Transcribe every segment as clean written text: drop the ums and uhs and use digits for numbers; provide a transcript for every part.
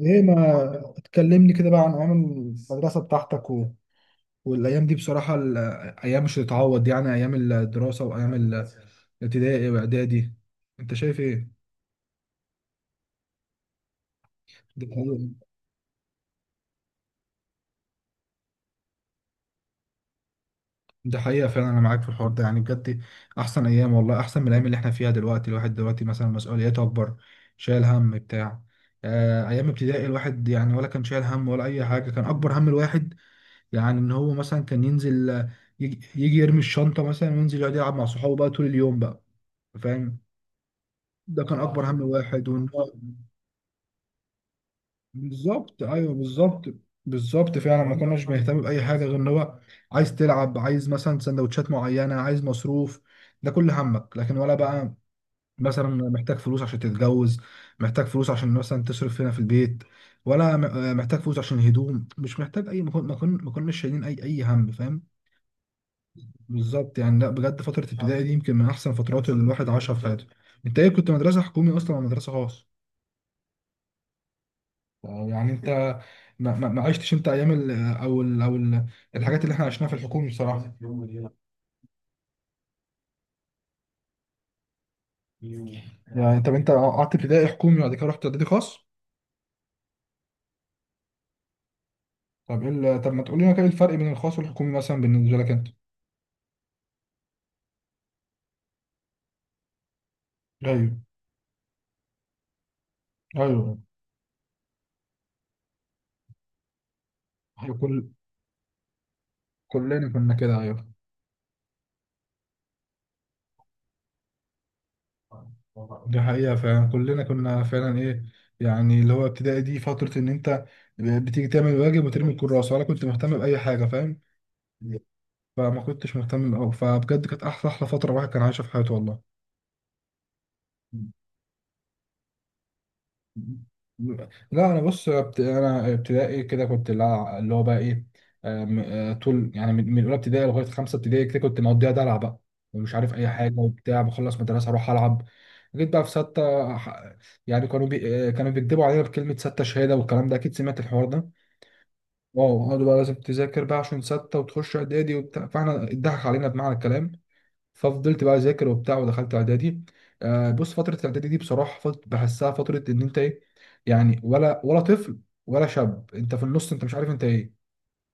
ايه ما تكلمني كده بقى عن ايام المدرسه بتاعتك والايام دي بصراحه، الايام مش هتتعوض، يعني ايام الدراسه وايام الابتدائي واعدادي. انت شايف ايه؟ دي حقيقة. دي حقيقة فعلا، أنا معاك في الحوار ده يعني بجد. أحسن أيام والله، أحسن من الأيام اللي إحنا فيها دلوقتي. الواحد دلوقتي مثلا مسؤولياته أكبر، شايل هم بتاع أيام ابتدائي. الواحد يعني ولا كان شايل هم ولا أي حاجة، كان أكبر هم الواحد يعني إن هو مثلا كان ينزل، يجي يرمي الشنطة مثلا وينزل يقعد يلعب مع صحابه بقى طول اليوم بقى، فاهم؟ ده كان اكبر هم واحد وان هو بالظبط. ايوه بالظبط. بالظبط فعلا، ما كناش بنهتم باي حاجه غير ان هو عايز تلعب، عايز مثلا سندوتشات معينه، عايز مصروف. ده كل همك. لكن ولا بقى مثلا محتاج فلوس عشان تتجوز، محتاج فلوس عشان مثلا تصرف هنا في البيت، ولا محتاج فلوس عشان هدوم. مش محتاج اي ما كناش شايلين اي هم، فاهم؟ بالظبط يعني. لا بجد فتره ابتدائي دي يمكن من احسن فترات اللي الواحد عاشها في حياته. انت ايه، كنت مدرسه حكومي اصلا ولا مدرسه خاص؟ يعني انت ما عشتش انت ايام ال الحاجات اللي احنا عشناها في الحكومي بصراحه. يعني طب انت قعدت ابتدائي حكومي وبعد كده رحت اعدادي خاص. طب ايه طب ما تقول لنا كده ايه الفرق بين الخاص والحكومي مثلا بالنسبه لك انت. ايوه. ايوه. ايوه، كل كلنا كنا كده، ايوه. دي حقيقة فعلا، كلنا كنا فعلا ايه يعني، اللي هو ابتدائي دي فترة ان انت بتيجي تعمل واجب وترمي الكراسة ولا كنت مهتم بأي حاجة، فاهم؟ فما كنتش مهتم أوي، فبجد كانت أحلى فترة الواحد كان عايشها في حياته والله. لا انا بص انا ابتدائي كده كنت اللي هو بقى ايه، طول يعني من اولى ابتدائي لغايه خمسه ابتدائي كده كنت مقضيها دلع بقى، ومش عارف اي حاجه وبتاع، بخلص مدرسه اروح العب. جيت بقى في سته يعني كانوا بي آه، كانوا بيكدبوا علينا بكلمه سته شهاده والكلام ده، اكيد سمعت الحوار ده. اه قالوا بقى لازم تذاكر بقى عشان سته وتخش اعدادي وبتاع، فاحنا اتضحك علينا بمعنى الكلام. ففضلت بقى اذاكر وبتاع ودخلت اعدادي. آه بص فتره الاعدادي دي بصراحه فضلت بحسها فتره ان انت ايه يعني، ولا طفل ولا شاب، انت في النص انت مش عارف انت ايه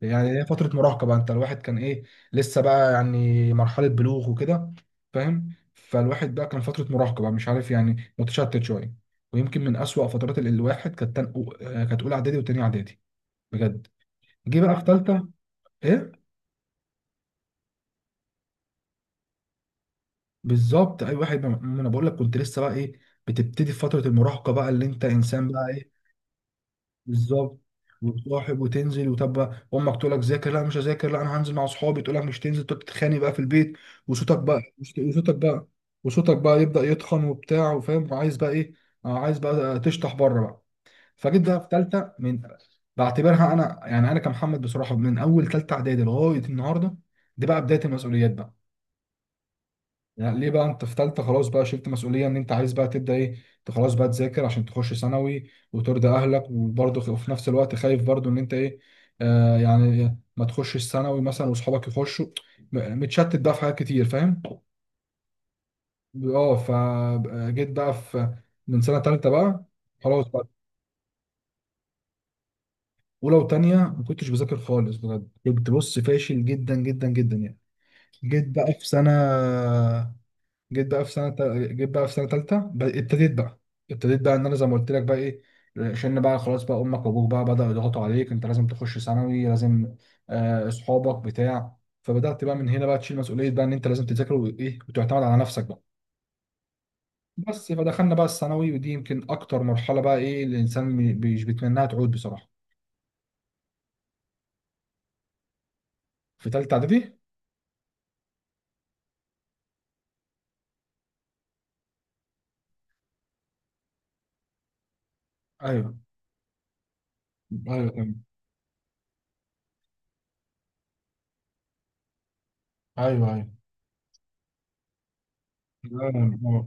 يعني. هي فتره مراهقه بقى، انت الواحد كان ايه، لسه بقى يعني مرحله بلوغ وكده، فاهم؟ فالواحد بقى كان فتره مراهقه بقى مش عارف، يعني متشتت شويه. ويمكن من اسوأ فترات الواحد كانت تن- آه، كانت اولى اعدادي وتانية اعدادي بجد. جه بقى في ثالثه ايه. بالظبط، اي واحد، ما انا بقول لك كنت لسه بقى ايه، بتبتدي في فتره المراهقه بقى، اللي انت انسان بقى ايه. بالظبط، وتصاحب وتنزل، وطب بقى امك تقول لك ذاكر، لا مش هذاكر، لا انا هنزل مع اصحابي، تقول لك مش تنزل، تقعد تتخانق بقى في البيت. وصوتك بقى وصوتك بقى، وصوتك بقى يبدا يتخن وبتاع، وفاهم عايز بقى ايه، عايز بقى تشطح بره بقى. فجيت بقى في ثالثه. من بعتبرها انا يعني، انا كمحمد بصراحه، من اول ثالثه اعدادي لغايه النهارده دي بقى بدايه المسؤوليات بقى. يعني ليه؟ بقى انت في ثالثه خلاص بقى شلت مسؤوليه ان انت عايز بقى تبدا ايه، انت خلاص بقى تذاكر عشان تخش ثانوي وترضي اهلك، وبرضه وفي نفس الوقت خايف برضه ان انت ايه، آه يعني ما تخشش ثانوي مثلا واصحابك يخشوا، متشتت بقى في حاجات كتير، فاهم؟ اه. فجيت بقى في، من سنه ثالثه بقى خلاص بقى. اولى وثانيه ما كنتش بذاكر خالص بجد، كنت بص فاشل جدا جدا جدا يعني. جيت بقى في سنه جيت بقى في سنه تا- جيت بقى في سنه ثالثه ابتديت بقى. ان انا زي ما قلت لك بقى ايه، عشان بقى خلاص بقى امك وابوك بقى بداوا يضغطوا عليك انت لازم تخش ثانوي لازم، اصحابك بتاع. فبدات بقى من هنا بقى تشيل مسؤوليه بقى ان انت لازم تذاكر وايه وتعتمد على نفسك بقى. بس فدخلنا بقى الثانوي ودي يمكن اكتر مرحله بقى ايه الانسان مش بيتمناها تعود بصراحه. في ثالثه اعدادي. ايوه، ايوه، ايوه، ايوه، ايوه،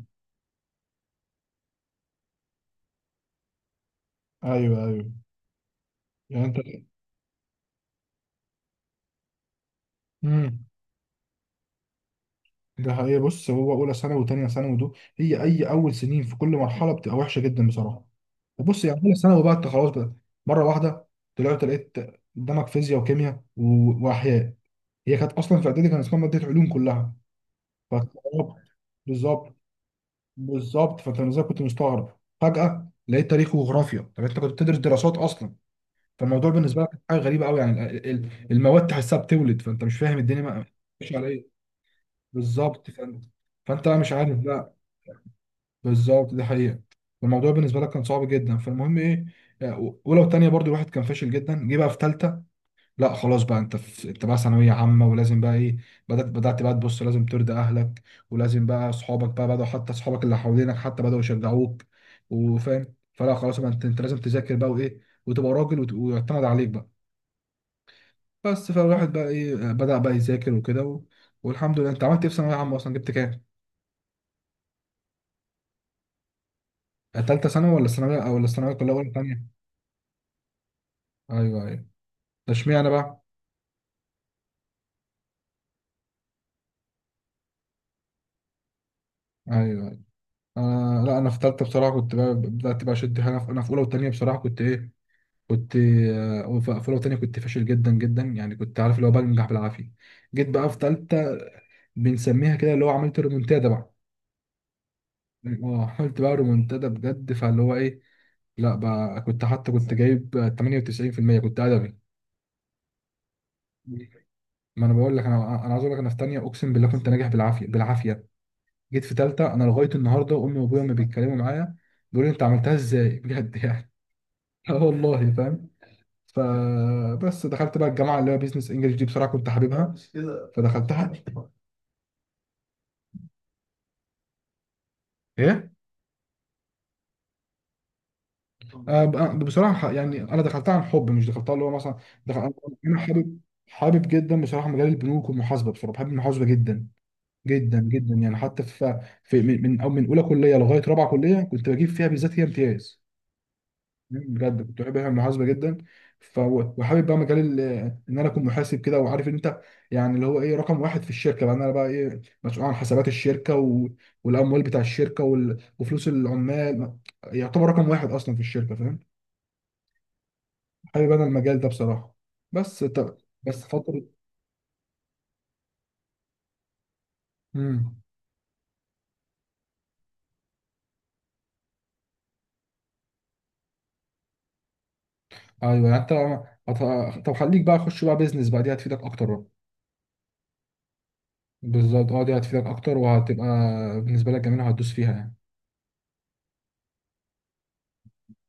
ايوه, أيوة. يعني انت. مم. ده حقيقة. بص، هو أولى ثانوي وتانية ثانوي دول هي أي أول سنين في كل مرحلة بتبقى وحشة جدا بصراحة. وبص يعني أولى ثانوي بقى أنت خلاص بقى، مرة واحدة طلعت لقيت قدامك فيزياء وكيمياء وأحياء. هي كانت أصلا في إعدادي كان اسمها مادة علوم كلها، فاستغربت. بالظبط. بالظبط. فأنت إزاي كنت مستغرب فجأة لقيت تاريخ وجغرافيا؟ طب أنت كنت بتدرس دراسات أصلا، فالموضوع بالنسبة لك حاجة غريبة أوي يعني المواد تحسها بتولد، فأنت مش فاهم الدنيا ماشية على إيه. بالظبط فأنت، فانت بقى مش عارف بقى. بالظبط دي حقيقة. الموضوع بالنسبة لك كان صعب جدا. فالمهم ايه، ولو تانية برضو الواحد كان فاشل جدا. جه بقى في تالتة لا خلاص بقى، انت في انت بقى ثانوية عامة ولازم بقى ايه. بدأت بقى تبص لازم ترضي اهلك، ولازم بقى اصحابك بقى بدأوا، حتى اصحابك اللي حوالينك حتى بدأوا يشجعوك، وفاهم، فلا خلاص بقى انت لازم تذاكر بقى وايه، وتبقى راجل ويعتمد عليك بقى بس. فالواحد بقى ايه بدأ بقى يذاكر وكده والحمد لله. انت عملت ايه في ثانوية عامة اصلا، جبت كام؟ تالتة ثانوي ولا ثانوية ولا الثانوية كلها ولا تانية؟ ايوه ايوه. اشمعنى بقى. ايوه ايوه. انا لا، انا في ثالثه بصراحه كنت بقى بدات بقى اشد حاجه انا في اولى وثانيه بصراحه كنت ايه، كنت في اولى وثانيه كنت فاشل جدا جدا يعني، كنت عارف اللي هو بنجح بالعافيه. جيت بقى في ثالثه بنسميها كده اللي هو عملت ريمونتادا بقى. اه عملت بقى ريمونتادا بجد، فاللي هو ايه لا بقى، كنت حتى كنت جايب 98% كنت ادبي. ما انا بقول لك، انا عايز اقول لك انا في ثانيه اقسم بالله كنت ناجح بالعافيه بالعافيه. جيت في تالتة، انا لغاية النهاردة امي وابويا ما بيتكلموا معايا، بيقولوا لي انت عملتها ازاي بجد يعني. اه والله فاهم. فبس دخلت بقى الجامعة اللي هي بيزنس انجلش دي بصراحة كنت حاببها فدخلتها. ايه. آه بصراحة يعني انا دخلتها عن حب، مش دخلتها اللي هو مثلا دخل... انا حابب، حابب جدا بصراحة مجال البنوك والمحاسبة، بصراحة بحب المحاسبة جدا جدا جدا يعني، حتى في في من أو من اولى كلية لغاية رابعة كلية كنت بجيب فيها بالذات هي امتياز. بجد كنت بحب المحاسبه جدا. وحابب بقى مجال ان انا اكون محاسب كده، وعارف ان انت يعني اللي هو ايه، رقم واحد في الشركه بقى، إن انا بقى ايه مسؤول عن حسابات الشركه و... والاموال بتاع الشركه وال... وفلوس العمال، يعتبر رقم واحد اصلا في الشركه، فاهم؟ حابب انا المجال ده بصراحه. بس طب. بس فتره. امم. ايوه، يعني انت طب خليك بقى خش بقى بيزنس بقى دي هتفيدك اكتر بقى. بالظبط اه، دي هتفيدك اكتر وهتبقى بالنسبه لك جميله، وهتدوس فيها يعني.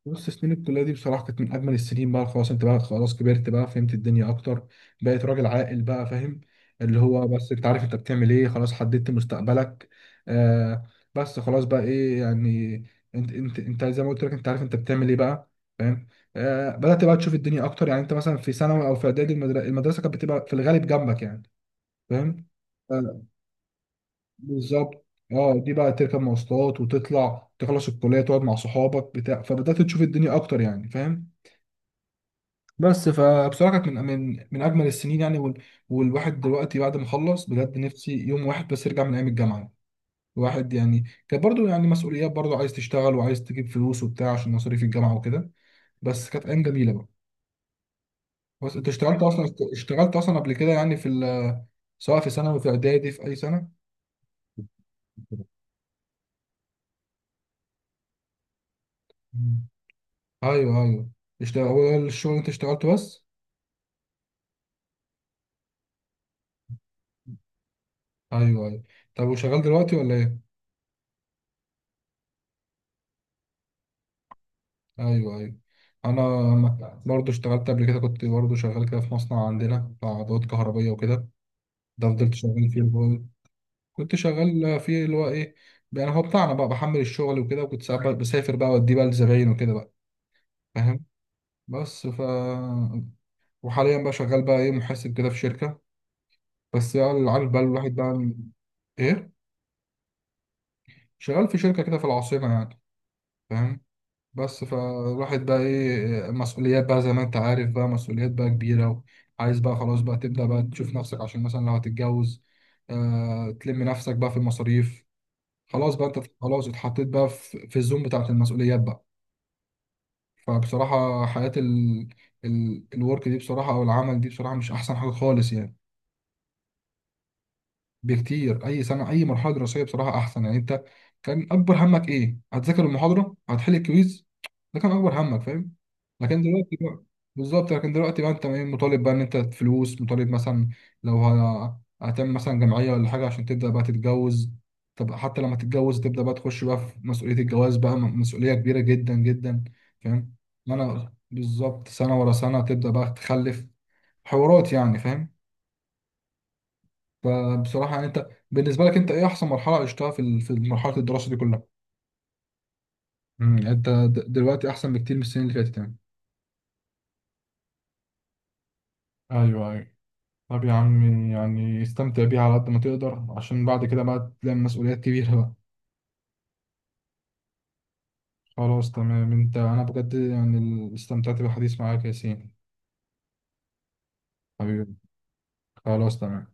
بص سنين الكلية دي بصراحة كانت من أجمل السنين بقى، خلاص أنت بقى خلاص كبرت بقى فهمت الدنيا أكتر، بقيت راجل عاقل بقى، فاهم؟ اللي هو بس أنت عارف أنت بتعمل إيه، خلاص حددت مستقبلك. آه. بس خلاص بقى إيه يعني، أنت زي ما قلت لك أنت عارف أنت بتعمل إيه بقى، فاهم؟ آه بدأت بقى تشوف الدنيا أكتر، يعني أنت مثلا في ثانوي أو في إعدادي المدرسة كانت بتبقى في الغالب جنبك يعني، فاهم؟ آه. بالظبط. اه، دي بقى تركب مواصلات وتطلع تخلص الكلية تقعد مع صحابك بتاع، فبدأت تشوف الدنيا أكتر يعني، فاهم؟ بس فبصراحه كانت من اجمل السنين يعني، والواحد دلوقتي بعد ما خلص بجد نفسي يوم واحد بس يرجع من ايام الجامعه. الواحد يعني كانت برضو يعني مسؤوليات، برضو عايز تشتغل وعايز تجيب فلوس وبتاع عشان مصاريف الجامعه وكده، بس كانت ايام جميله بقى. بس انت اشتغلت اصلا؟ اشتغلت اصلا قبل كده يعني سواء في ثانوي في اعدادي في اي سنه؟ مم. ايوه ايوه. اشتغل، هو ده الشغل اللي انت اشتغلته بس؟ ايوه ايوه. طب وشغال دلوقتي ولا ايه؟ ايوه ايوه. انا برضو اشتغلت قبل كده، كنت برضو شغال كده في مصنع عندنا بتاع ادوات كهربيه وكده. ده فضلت شغال فيه اللي هو- كنت شغال فيه اللي هو ايه يعني، هو بتاعنا بقى بحمل الشغل وكده، وكنت ساعات بقى بسافر بقى واديه بقى لزباين وكده بقى، فاهم؟ بس ف، وحاليا بقى شغال بقى ايه محاسب كده في شركه، بس بقى اللي عارف بقى الواحد بقى ايه. شغال في شركه كده في العاصمه يعني، فاهم؟ بس فالواحد بقى ايه مسؤوليات بقى زي ما انت عارف بقى مسؤوليات بقى كبيرة، وعايز بقى خلاص بقى تبدأ بقى تشوف نفسك عشان مثلا لو هتتجوز، آه تلم نفسك بقى في المصاريف، خلاص بقى انت خلاص اتحطيت بقى في الزوم بتاعت المسؤوليات بقى. فبصراحة حياة ال ال الورك دي بصراحة او العمل دي بصراحة مش احسن حاجة خالص يعني. بكتير، اي سنه اي مرحله دراسيه بصراحه احسن، يعني انت كان اكبر همك ايه، هتذاكر المحاضره، هتحل الكويز، ده كان اكبر همك، فاهم؟ لكن دلوقتي بقى. بالظبط، لكن دلوقتي بقى انت ايه مطالب بقى ان انت فلوس، مطالب مثلا لو هتعمل مثلا جمعيه ولا حاجه عشان تبدا بقى تتجوز، طب حتى لما تتجوز تبدا بقى تخش بقى في مسؤوليه الجواز بقى مسؤوليه كبيره جدا جدا، فاهم؟ ما انا بالظبط، سنه ورا سنه تبدا بقى تخلف، حوارات يعني، فاهم؟ فبصراحة يعني انت بالنسبة لك انت ايه احسن مرحلة عشتها في في مرحلة الدراسة دي كلها؟ يعني انت دلوقتي احسن بكتير من السنين اللي فاتت يعني. ايوه ايوه. طب يا عمي يعني استمتع بيها على قد ما تقدر، عشان بعد كده بقى تلاقي مسؤوليات كبيرة بقى. خلاص تمام انت. انا بجد يعني استمتعت بالحديث معاك يا ياسين. حبيبي. خلاص تمام.